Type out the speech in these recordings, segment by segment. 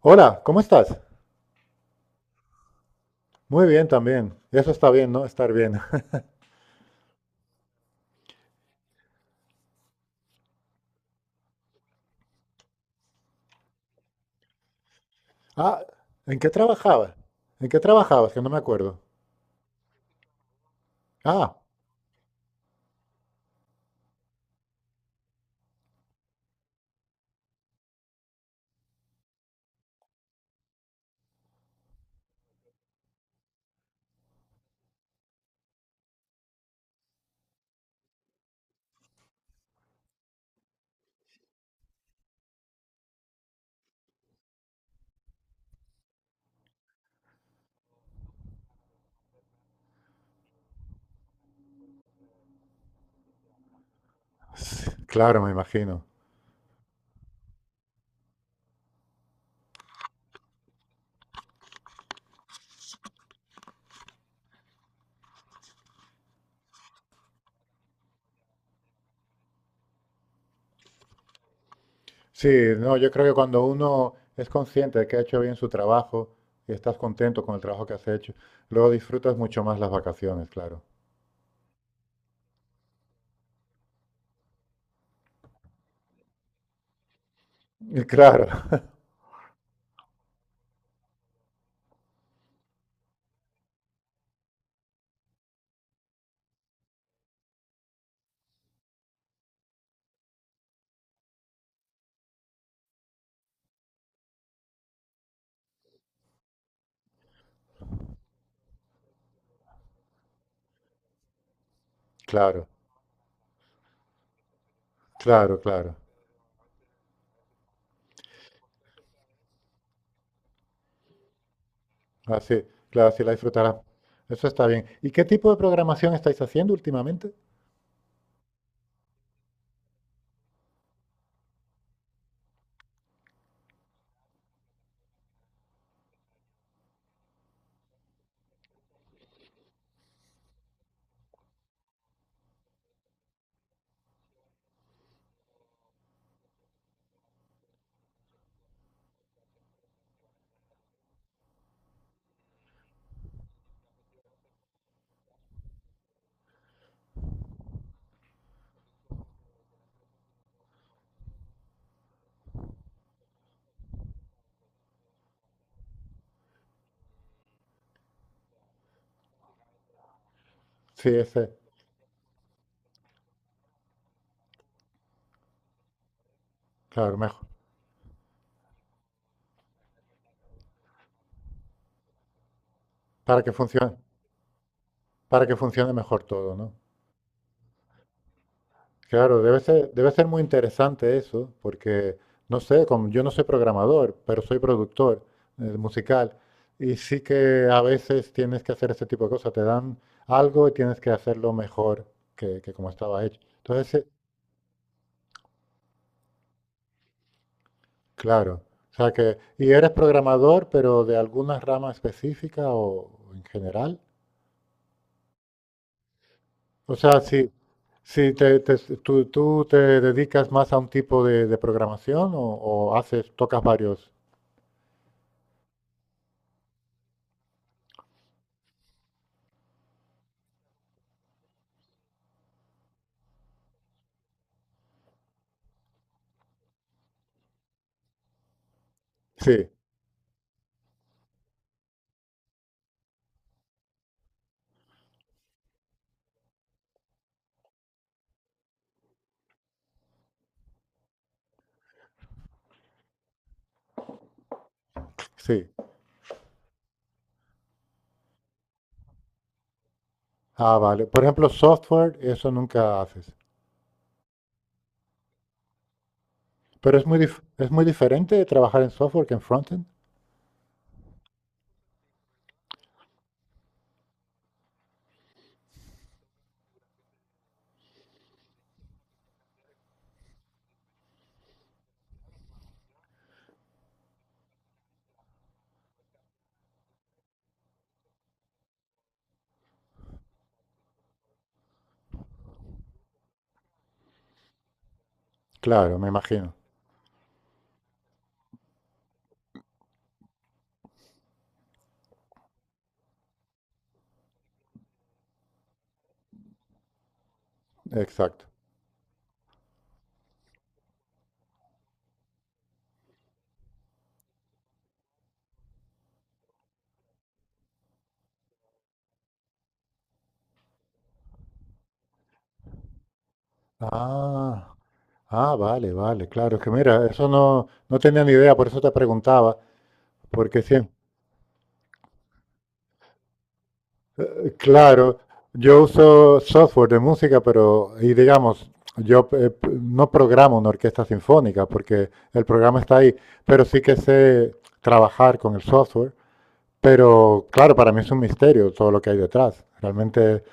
Hola, ¿cómo estás? Muy bien también. Eso está bien, ¿no? Estar bien. Ah, ¿en qué trabajabas? ¿En qué trabajabas? Que no me acuerdo. Ah, sí, claro, me imagino. Sí, no, yo creo que cuando uno es consciente de que ha hecho bien su trabajo y estás contento con el trabajo que has hecho, luego disfrutas mucho más las vacaciones, claro. Y claro, claro, claro, claro. Así, claro, así la disfrutarás. Eso está bien. ¿Y qué tipo de programación estáis haciendo últimamente? Sí, ese, claro, mejor. Para que funcione. Para que funcione mejor todo, ¿no? Claro, debe ser muy interesante eso, porque, no sé, como yo no soy programador, pero soy productor musical, y sí que a veces tienes que hacer ese tipo de cosas, te dan algo y tienes que hacerlo mejor que como estaba hecho. Entonces, claro, o sea que, ¿y eres programador, pero de alguna rama específica o en general? O sea, sí, sí, tú te dedicas más a un tipo de programación o haces, tocas varios. Sí, sí. Ah, vale. Por ejemplo, software, eso nunca haces. Pero es muy es muy diferente trabajar en software que en frontend. Claro, me imagino. Exacto. Ah, ah, vale, vale, claro. Es que mira, eso no, no tenía ni idea, por eso te preguntaba, porque sí. Claro, yo uso software de música, pero, y digamos, yo no programo una orquesta sinfónica porque el programa está ahí, pero sí que sé trabajar con el software. Pero claro, para mí es un misterio todo lo que hay detrás. Realmente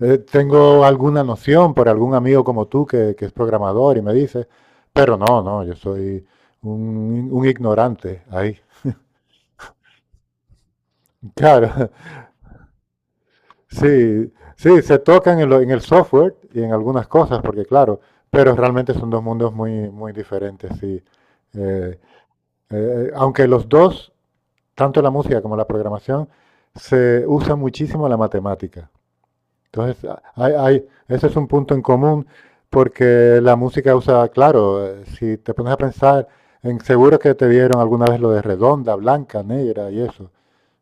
tengo alguna noción por algún amigo como tú que es programador y me dice, pero no, no, yo soy un ignorante ahí. Claro, sí, sí, se tocan en, en el software y en algunas cosas, porque claro, pero realmente son dos mundos muy, muy diferentes, sí. Eh, aunque los dos, tanto la música como la programación, se usa muchísimo la matemática. Entonces, ese es un punto en común, porque la música usa, claro, si te pones a pensar, en, seguro que te vieron alguna vez lo de redonda, blanca, negra y eso.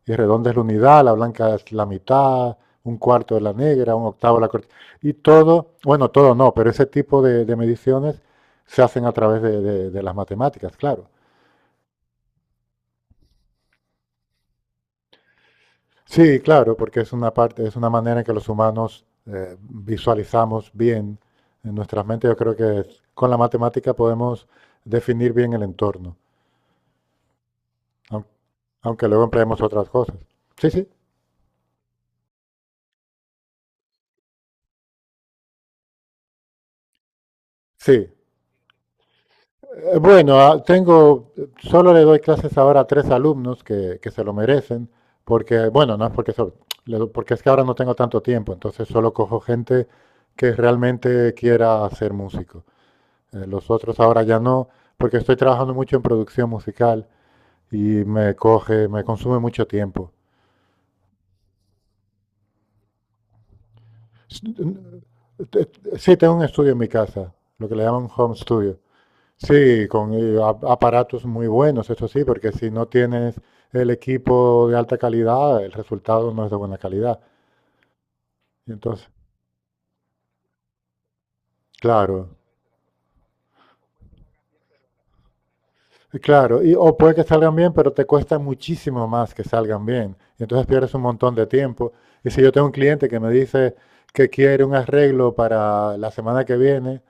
Y redonda es la unidad, la blanca es la mitad, un cuarto de la negra, un octavo de la corta. Y todo, bueno, todo no, pero ese tipo de mediciones se hacen a través de las matemáticas, claro. Sí, claro, porque es una parte, es una manera en que los humanos visualizamos bien en nuestras mentes. Yo creo que con la matemática podemos definir bien el entorno, aun- aunque luego empleemos otras cosas. Sí, sí, sí. Bueno, tengo, solo le doy clases ahora a tres alumnos que se lo merecen, porque, bueno, no es porque, porque es que ahora no tengo tanto tiempo, entonces solo cojo gente que realmente quiera ser músico. Los otros ahora ya no, porque estoy trabajando mucho en producción musical y me coge, me consume mucho tiempo. S- n- te- Sí, tengo un estudio en mi casa, lo que le llaman home studio. Sí, con aparatos muy buenos, eso sí, porque si no tienes el equipo de alta calidad, el resultado no es de buena calidad. Y entonces, claro, y claro, y, o puede que salgan bien, pero te cuesta muchísimo más que salgan bien. Y entonces pierdes un montón de tiempo. Y si yo tengo un cliente que me dice que quiere un arreglo para la semana que viene,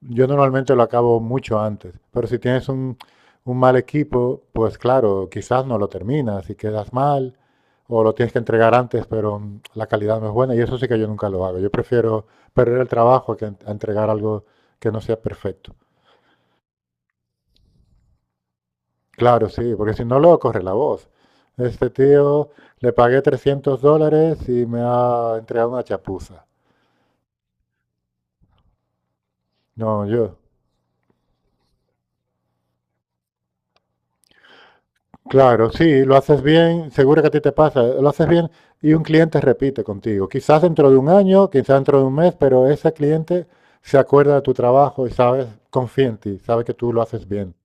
yo normalmente lo acabo mucho antes, pero si tienes un mal equipo, pues claro, quizás no lo terminas y quedas mal, o lo tienes que entregar antes, pero la calidad no es buena, y eso sí que yo nunca lo hago. Yo prefiero perder el trabajo que a entregar algo que no sea perfecto. Claro, sí, porque si no, luego corre la voz. Este tío le pagué $300 y me ha entregado una chapuza. No, yo, claro, sí, lo haces bien, seguro que a ti te pasa, lo haces bien y un cliente repite contigo. Quizás dentro de un año, quizás dentro de un mes, pero ese cliente se acuerda de tu trabajo y sabe confía en ti, sabe que tú lo haces bien.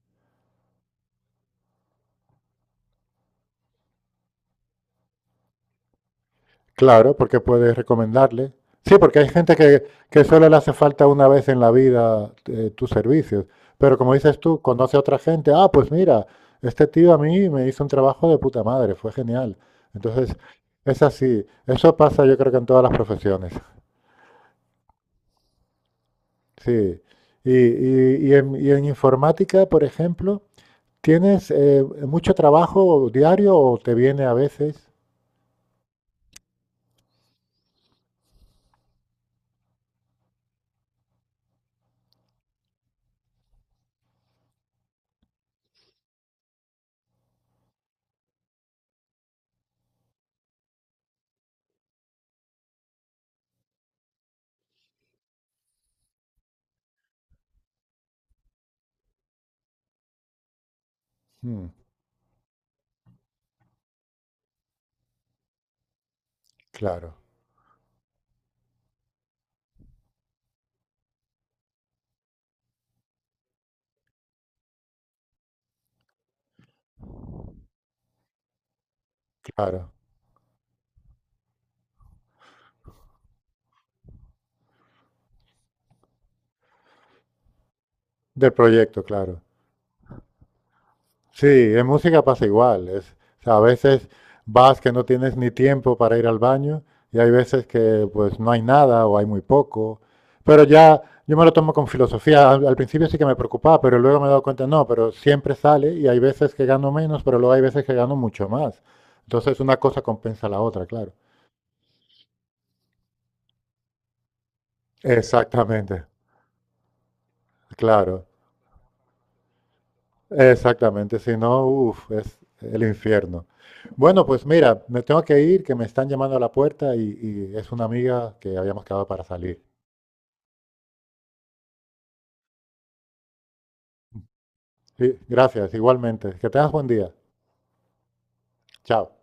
Claro, porque puedes recomendarle. Sí, porque hay gente que solo le hace falta una vez en la vida tus servicios, pero como dices tú, conoce a otra gente, ah, pues mira, este tío a mí me hizo un trabajo de puta madre, fue genial. Entonces, es así, eso pasa yo creo que en todas las profesiones. Sí. Y en informática, por ejemplo, ¿tienes mucho trabajo diario o te viene a veces? Mm, claro, claro. Del proyecto, claro. Sí, en música pasa igual. Es, o sea, a veces vas que no tienes ni tiempo para ir al baño y hay veces que pues no hay nada o hay muy poco. Pero ya yo me lo tomo con filosofía. Al principio sí que me preocupaba, pero luego me he dado cuenta, no, pero siempre sale y hay veces que gano menos, pero luego hay veces que gano mucho más. Entonces una cosa compensa la otra, claro. Exactamente, claro. Exactamente, si no, uff, es el infierno. Bueno, pues mira, me tengo que ir, que me están llamando a la puerta y es una amiga que habíamos quedado para salir. Sí, gracias, igualmente. Que tengas buen día. Chao.